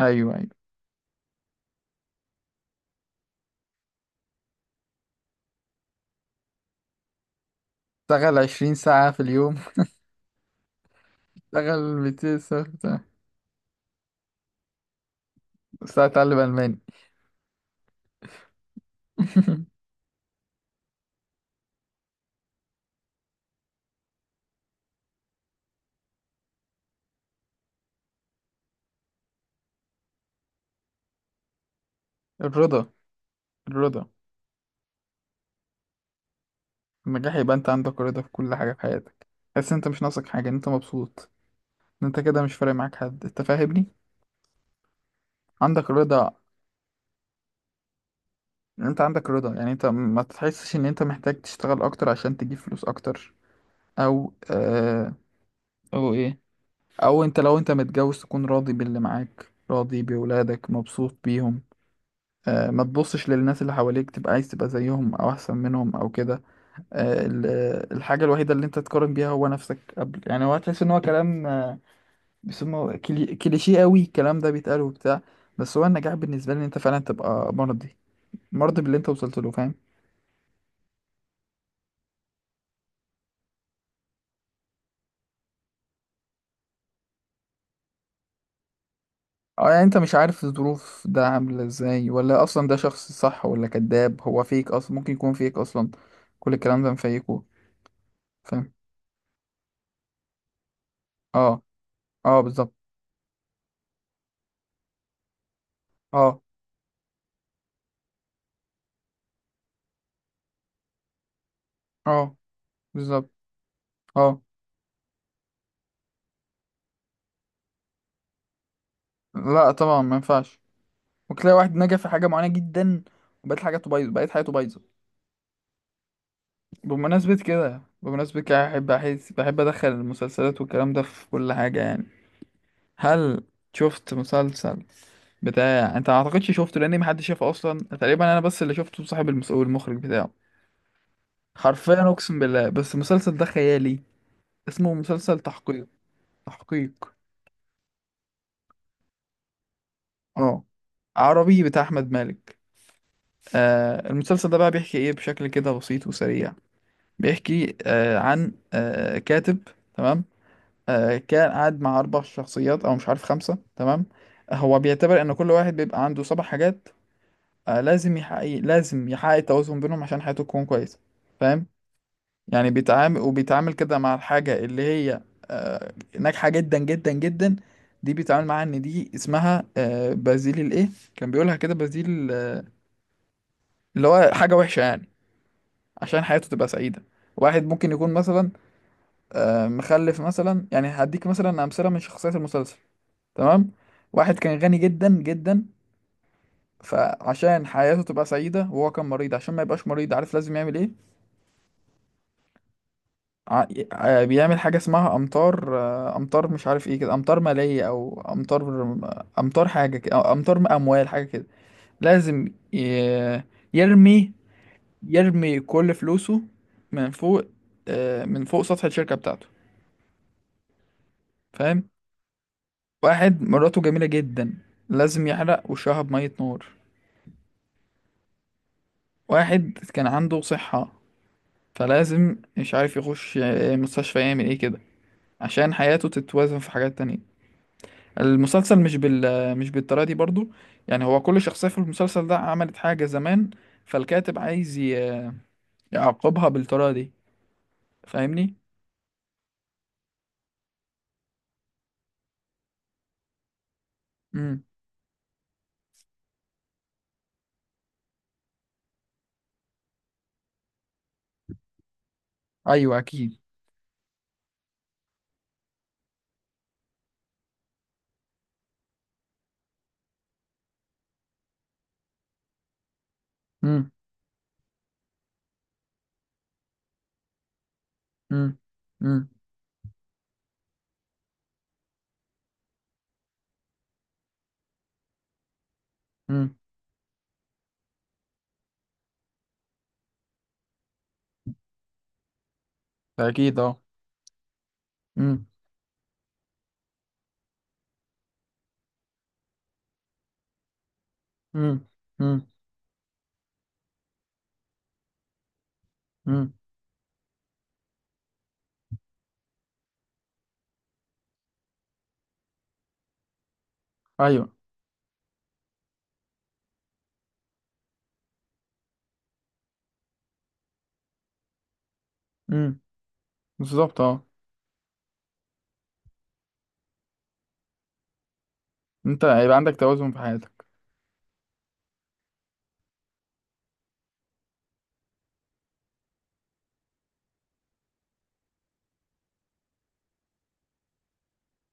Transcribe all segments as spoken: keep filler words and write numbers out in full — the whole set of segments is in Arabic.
ايوه، ايوه، اشتغل عشرين ساعة في اليوم. اشتغل ميتين ساعة بتاع- بس اتعلم الماني. الرضا. الرضا. النجاح يبقى انت عندك رضا في كل حاجة في حياتك. تحس إن انت مش ناقصك حاجة، إن انت مبسوط. ان انت كده مش فارق معاك حد، انت فاهمني؟ عندك رضا. إن انت عندك رضا، يعني انت ما تحسش ان انت محتاج تشتغل اكتر عشان تجيب فلوس اكتر. او آه او ايه، او انت لو انت متجوز تكون راضي باللي معاك، راضي بأولادك، مبسوط بيهم. آه، ما تبصش للناس اللي حواليك، تبقى عايز تبقى زيهم او احسن منهم او كده. آه، ال- آه، الحاجه الوحيده اللي انت تقارن بيها هو نفسك قبل، يعني هو هتحس ان هو كلام آه، بيسموه كلي- كليشيه، قوي الكلام ده بيتقال وبتاع. بس هو النجاح بالنسبه لي ان انت فعلا تبقى مرضي مرضي باللي انت وصلت له، فاهم؟ اه، يعني انت مش عارف الظروف ده عامله ازاي، ولا اصلا ده شخص صح ولا كذاب، هو فيك اصلا، ممكن يكون فيك اصلا كل الكلام ده مفيكه. فاهم؟ اه. اه، بالظبط. اه. اه، بالظبط. اه. لا طبعا، ما ينفعش. ممكن تلاقي واحد نجح في حاجة معينة جدا، وبقت حاجاته بايظة، بقت حياته بايظة. بمناسبة كده، بمناسبة كده، بحب أحس، بحب أدخل المسلسلات والكلام ده في كل حاجة يعني. هل شفت مسلسل بتاع، انت ما اعتقدش شفته، لان محدش شافه اصلا تقريبا، انا بس اللي شفته صاحب المس... والمخرج بتاعه. حرفيا اقسم بالله، بس المسلسل ده خيالي. اسمه مسلسل تحقيق. تحقيق. اه، عربي بتاع احمد مالك. آه المسلسل ده بقى بيحكي ايه بشكل كده بسيط وسريع؟ بيحكي آه، عن آه، كاتب. تمام. آه، كان قاعد مع أربع شخصيات أو مش عارف خمسة، تمام. هو بيعتبر إن كل واحد بيبقى عنده سبع حاجات. آه، لازم يحقق لازم يحقق التوازن بينهم عشان حياته تكون كويسة، فاهم؟ يعني بيتعامل وبيتعامل كده مع الحاجة اللي هي آه، ناجحة جدا جدا جدا. دي بيتعامل معاها إن دي اسمها آه، بازيل الإيه؟ كان بيقولها كده بازيل، آه، اللي هو حاجة وحشة يعني، عشان حياته تبقى سعيدة. واحد ممكن يكون مثلا آه، مخلف مثلا، يعني هديك مثلا أمثلة من شخصيات المسلسل. تمام. واحد كان غني جدا جدا، فعشان حياته تبقى سعيدة، وهو كان مريض، عشان ما يبقاش مريض عارف لازم يعمل ايه؟ ع- ع- بيعمل حاجة اسمها أمطار، آه، أمطار، مش عارف ايه كده، أمطار مالية أو أمطار، أمطار حاجة كده، أو أمطار أموال حاجة كده. لازم ي- يرمي يرمي كل فلوسه من فوق، آه، من فوق سطح الشركة بتاعته، فاهم؟ واحد مراته جميلة جدا، لازم يحرق وشها بمية نار. واحد كان عنده صحة، فلازم، مش عارف، يخش آه، مستشفى، يعمل ايه كده، عشان حياته تتوازن في حاجات تانية. المسلسل مش بال مش بالطريقة دي برضو، يعني هو كل شخصية في المسلسل ده عملت حاجة زمان، فالكاتب عايز ي- يعاقبها بالطريقة دي، فاهمني؟ امم. ايوه، اكيد. امم. امم. امم. امم. اكيد، اه. امم. امم. امم. امم. ايوه. امم. بالظبط، اه. انت هيبقى عندك توازن في حياتك.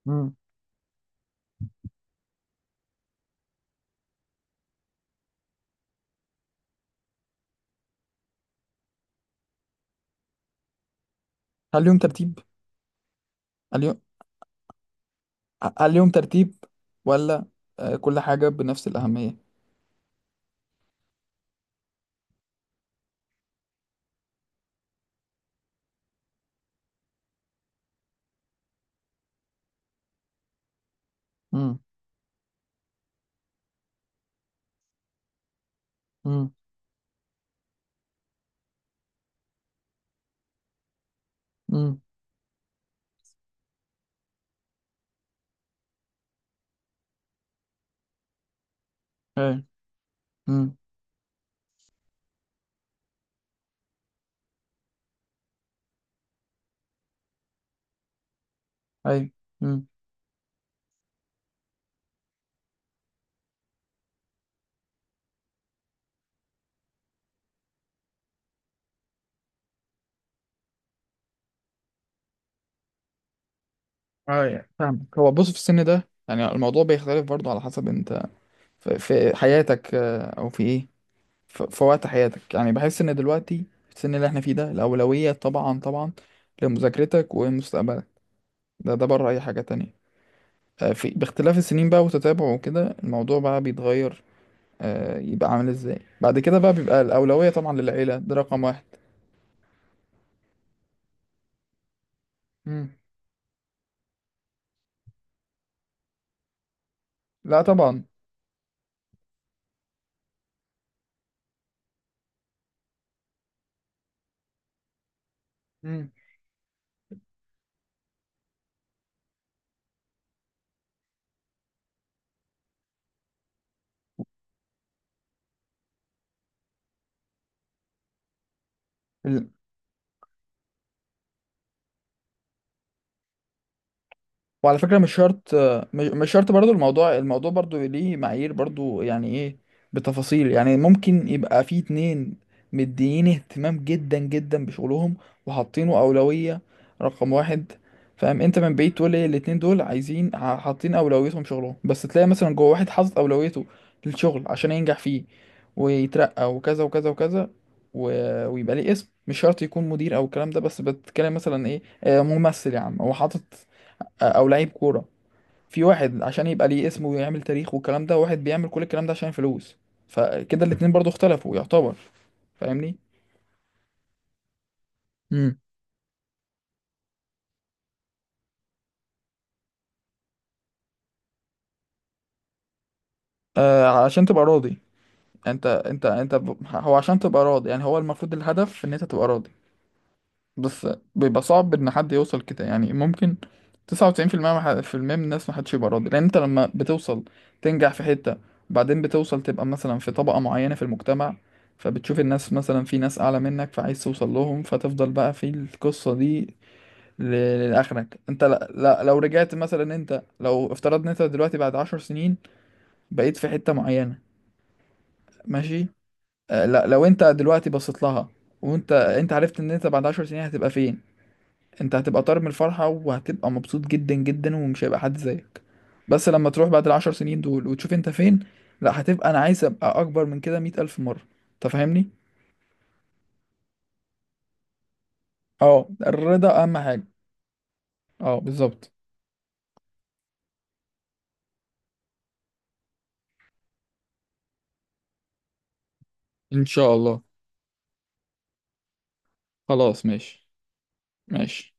مم. هل ليهم ترتيب؟ هل ليهم هل ليهم ترتيب، ولا آه، كل حاجة بنفس الأهمية؟ مم. مم. مم. ايوه. مم. أيوة. مم. ايوه، فاهمك. هو بص، في السن ده يعني الموضوع بيختلف برضه، على حسب انت في, في حياتك، آه، او في ايه، في, في وقت حياتك يعني. بحس ان دلوقتي في السن اللي احنا فيه ده الأولوية طبعا طبعا لمذاكرتك ومستقبلك، ده ده بره اي حاجة تانية. آه، في باختلاف السنين بقى وتتابعه وكده الموضوع بقى بيتغير. آه، يبقى عامل ازاي بعد كده؟ بقى بيبقى الأولوية طبعا للعيلة، ده رقم واحد. مم. لا طبعا. مم. وعلى فكرة مش شرط، آه، مش مش شرط برضو، الموضوع الموضوع برضو ليه معايير برضو، يعني ايه بتفاصيل؟ يعني ممكن يبقى في اتنين مديين اهتمام جدا جدا بشغلهم، وحاطينه أولوية رقم واحد، فاهم؟ انت من بعيد تقول ايه الاتنين دول عايزين، ح- حاطين أولويتهم شغلهم، بس تلاقي مثلا جوه، واحد حاطط أولويته للشغل عشان ينجح فيه ويترقى وكذا وكذا وكذا، و- ويبقى ليه اسم، مش شرط يكون مدير او الكلام ده، بس بتتكلم مثلا ايه، آه، ممثل يا عم هو حاطط، او لعيب كوره، في واحد عشان يبقى ليه اسمه ويعمل تاريخ والكلام ده، واحد بيعمل كل الكلام ده عشان فلوس، فكده الاتنين برضو اختلفوا يعتبر، فاهمني؟ امم. آه، عشان تبقى راضي. انت انت انت ب- هو عشان تبقى راضي، يعني هو المفروض الهدف ان انت تبقى راضي بس. بيبقى صعب ان حد يوصل كده، يعني ممكن تسعة وتسعين في المية من ح- في المية من الناس، محدش يبقى راضي، لان انت لما بتوصل تنجح في حتة، بعدين بتوصل تبقى مثلا في طبقة معينة في المجتمع، فبتشوف الناس مثلا في ناس اعلى منك، فعايز توصل لهم، فتفضل بقى في القصة دي ل- لاخرك. انت لا، لا لو رجعت مثلا، انت لو افترضنا انت دلوقتي بعد عشر سنين بقيت في حتة معينة، ماشي، آه، لا، لو انت دلوقتي بصيت لها، وانت انت عرفت ان انت بعد عشر سنين هتبقى فين، انت هتبقى طار من الفرحة وهتبقى مبسوط جدا جدا ومش هيبقى حد زيك. بس لما تروح بعد العشر سنين دول وتشوف انت فين، لا، هتبقى انا عايز ابقى اكبر من كده مية الف مرة، انت فاهمني؟ اه، الرضا اهم حاجة. اه، بالظبط. ان شاء الله. خلاص، ماشي. ماشي.